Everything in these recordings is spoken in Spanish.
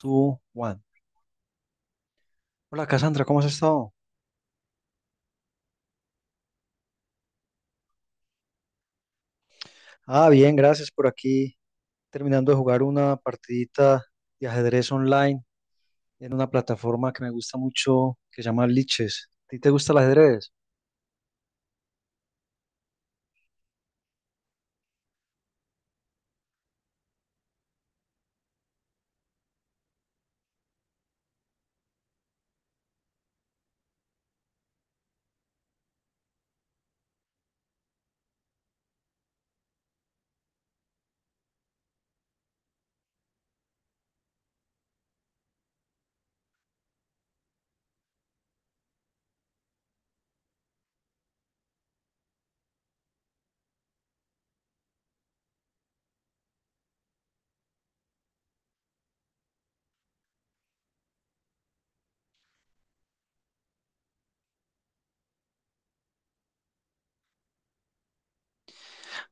Two, one. Hola Cassandra, ¿cómo has estado? Bien, gracias por aquí. Terminando de jugar una partidita de ajedrez online en una plataforma que me gusta mucho que se llama Liches. ¿A ti te gusta el ajedrez?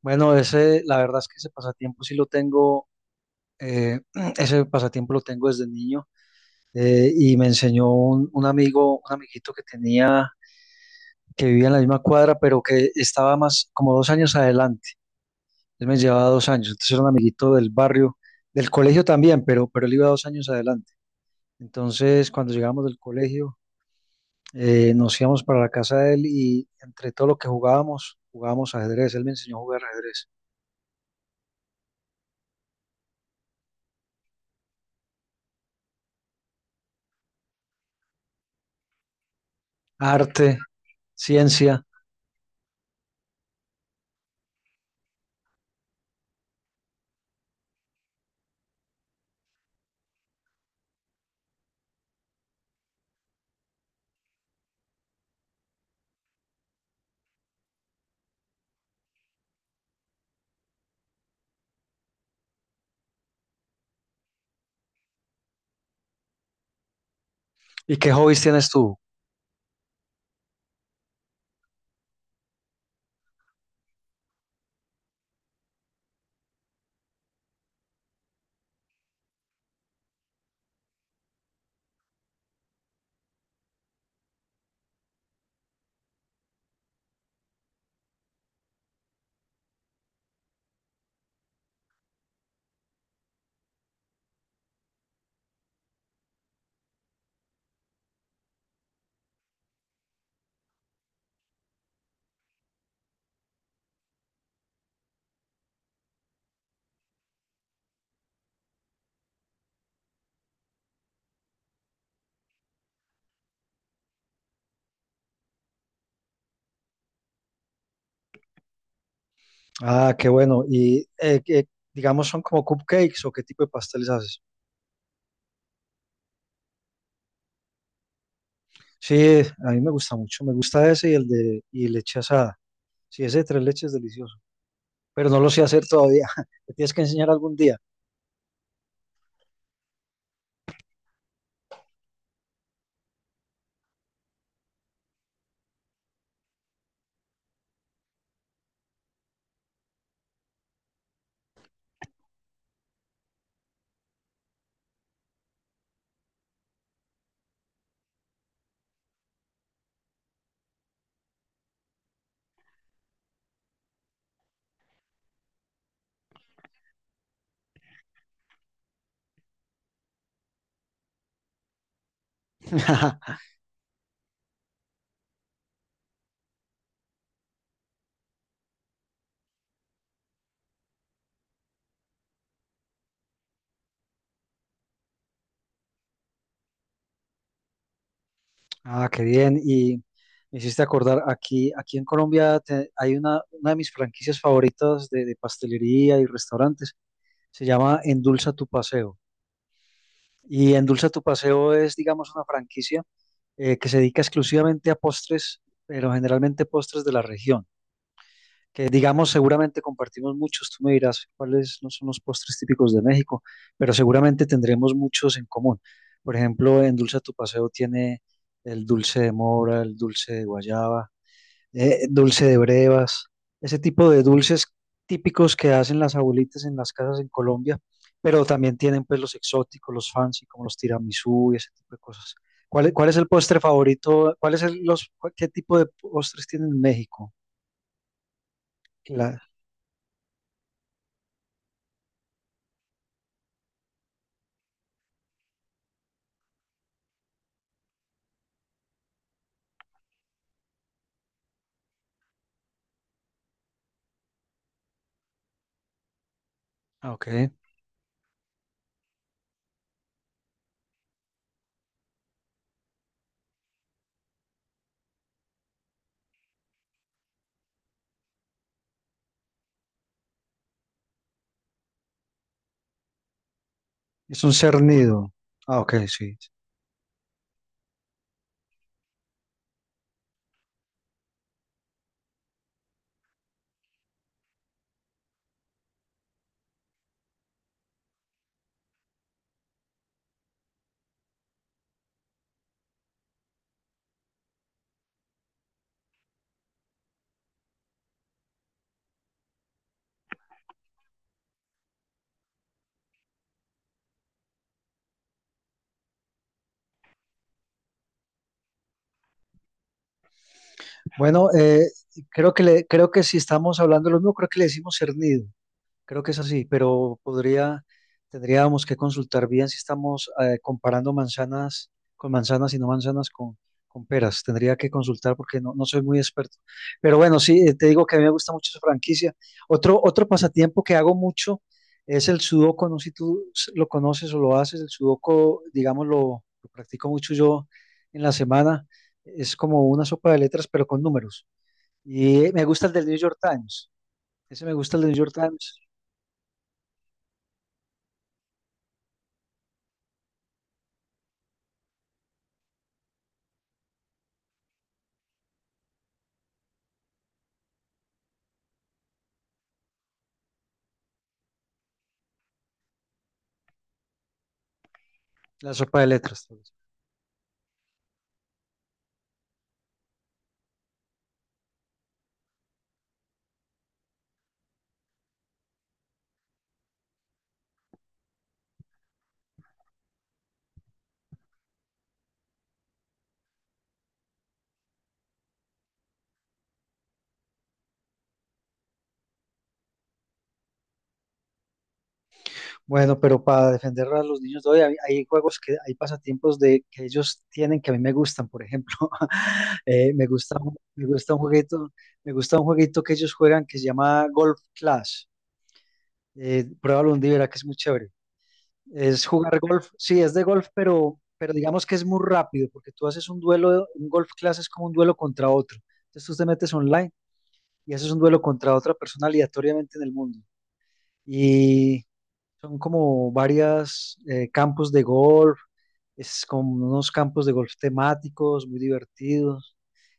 Bueno, ese, la verdad es que ese pasatiempo sí lo tengo, eh, ese pasatiempo lo tengo desde niño y me enseñó un amigo, un amiguito que tenía, que vivía en la misma cuadra, pero que estaba más como 2 años adelante. Él me llevaba 2 años, entonces era un amiguito del barrio, del colegio también, pero él iba 2 años adelante. Entonces, cuando llegamos del colegio, nos íbamos para la casa de él y entre todo lo que jugábamos, jugábamos ajedrez. Él me enseñó a jugar ajedrez, arte, ciencia. ¿Y qué hobbies tienes tú? Ah, qué bueno. Y digamos, son como cupcakes o qué tipo de pasteles haces. Sí, a mí me gusta mucho. Me gusta ese y el de y leche asada. Sí, ese de 3 leches es delicioso, pero no lo sé hacer todavía. Me tienes que enseñar algún día. Ah, qué bien. Y me hiciste acordar, aquí en Colombia te- hay una de mis franquicias favoritas de pastelería y restaurantes. Se llama Endulza tu Paseo. Y Endulza tu Paseo es, digamos, una franquicia que se dedica exclusivamente a postres, pero generalmente postres de la región. Que digamos seguramente compartimos muchos, tú me dirás cuáles no son los postres típicos de México, pero seguramente tendremos muchos en común. Por ejemplo, en Dulce a tu Paseo tiene el dulce de mora, el dulce de guayaba, dulce de brevas, ese tipo de dulces típicos que hacen las abuelitas en las casas en Colombia, pero también tienen pues los exóticos, los fancy, como los tiramisú y ese tipo de cosas. ¿Cuál es el postre favorito? ¿Cuál es el- los, cuál- ¿Qué tipo de postres tienen en México? La, ah, ok. Es un cernido. Ah, ok, sí. Bueno, creo que si estamos hablando de lo mismo, creo que le decimos cernido. Creo que es así, pero podría, tendríamos que consultar bien si estamos comparando manzanas con manzanas y no manzanas con peras. Tendría que consultar porque no, no soy muy experto. Pero bueno, sí, te digo que a mí me gusta mucho esa franquicia. Otro pasatiempo que hago mucho es el sudoku. No sé si tú s- lo conoces o lo haces. El sudoku, digamos, lo practico mucho yo en la semana. Es como una sopa de letras, pero con números. Y me gusta el del New York Times. Ese me gusta el del New York Times. La sopa de letras, tal vez. Bueno, pero para defender a los niños de hoy, hay juegos que, hay pasatiempos de que ellos tienen que a mí me gustan, por ejemplo. Me gusta un jueguito, me gusta un jueguito que ellos juegan que se llama Golf Clash. Pruébalo un día, verá que es muy chévere. Es jugar golf, sí, es de golf, pero digamos que es muy rápido, porque tú haces un duelo, un golf class es como un duelo contra otro. Entonces tú te metes online y haces un duelo contra otra persona aleatoriamente en el mundo. Son como varias campos de golf, es como unos campos de golf temáticos, muy divertidos,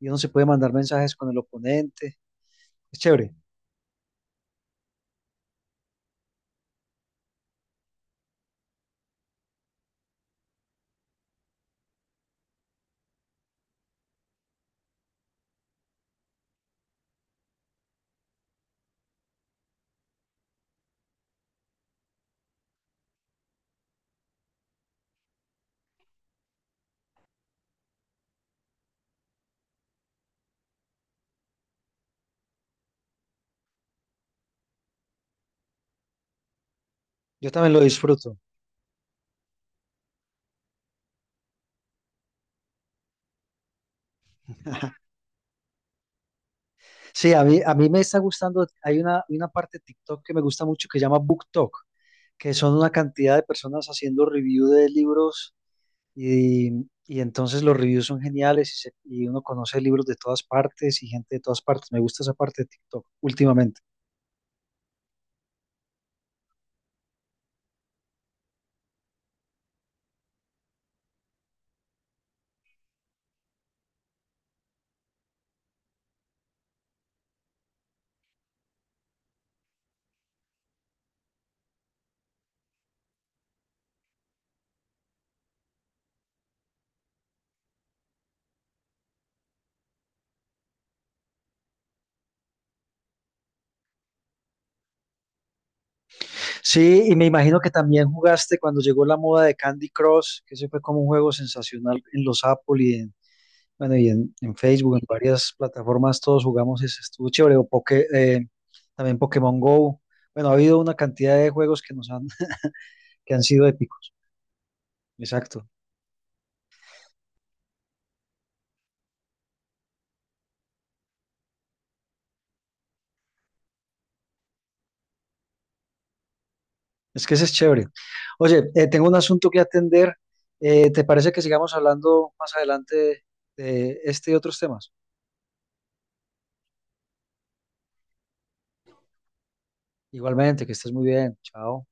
y uno se puede mandar mensajes con el oponente. Es chévere, yo también lo disfruto. Sí, a mí me está gustando, hay una parte de TikTok que me gusta mucho que se llama BookTok, que son una cantidad de personas haciendo review de libros y, y entonces los reviews son geniales y uno conoce libros de todas partes y gente de todas partes. Me gusta esa parte de TikTok últimamente. Sí, y me imagino que también jugaste cuando llegó la moda de Candy Crush, que ese fue como un juego sensacional en los Apple bueno, y en Facebook, en varias plataformas, todos jugamos ese, estuvo chévere, o también Pokémon Go. Bueno, ha habido una cantidad de juegos que nos han, que han sido épicos. Exacto. Es que ese es chévere. Oye, tengo un asunto que atender. ¿Te parece que sigamos hablando más adelante de este y otros temas? Igualmente, que estés muy bien. Chao.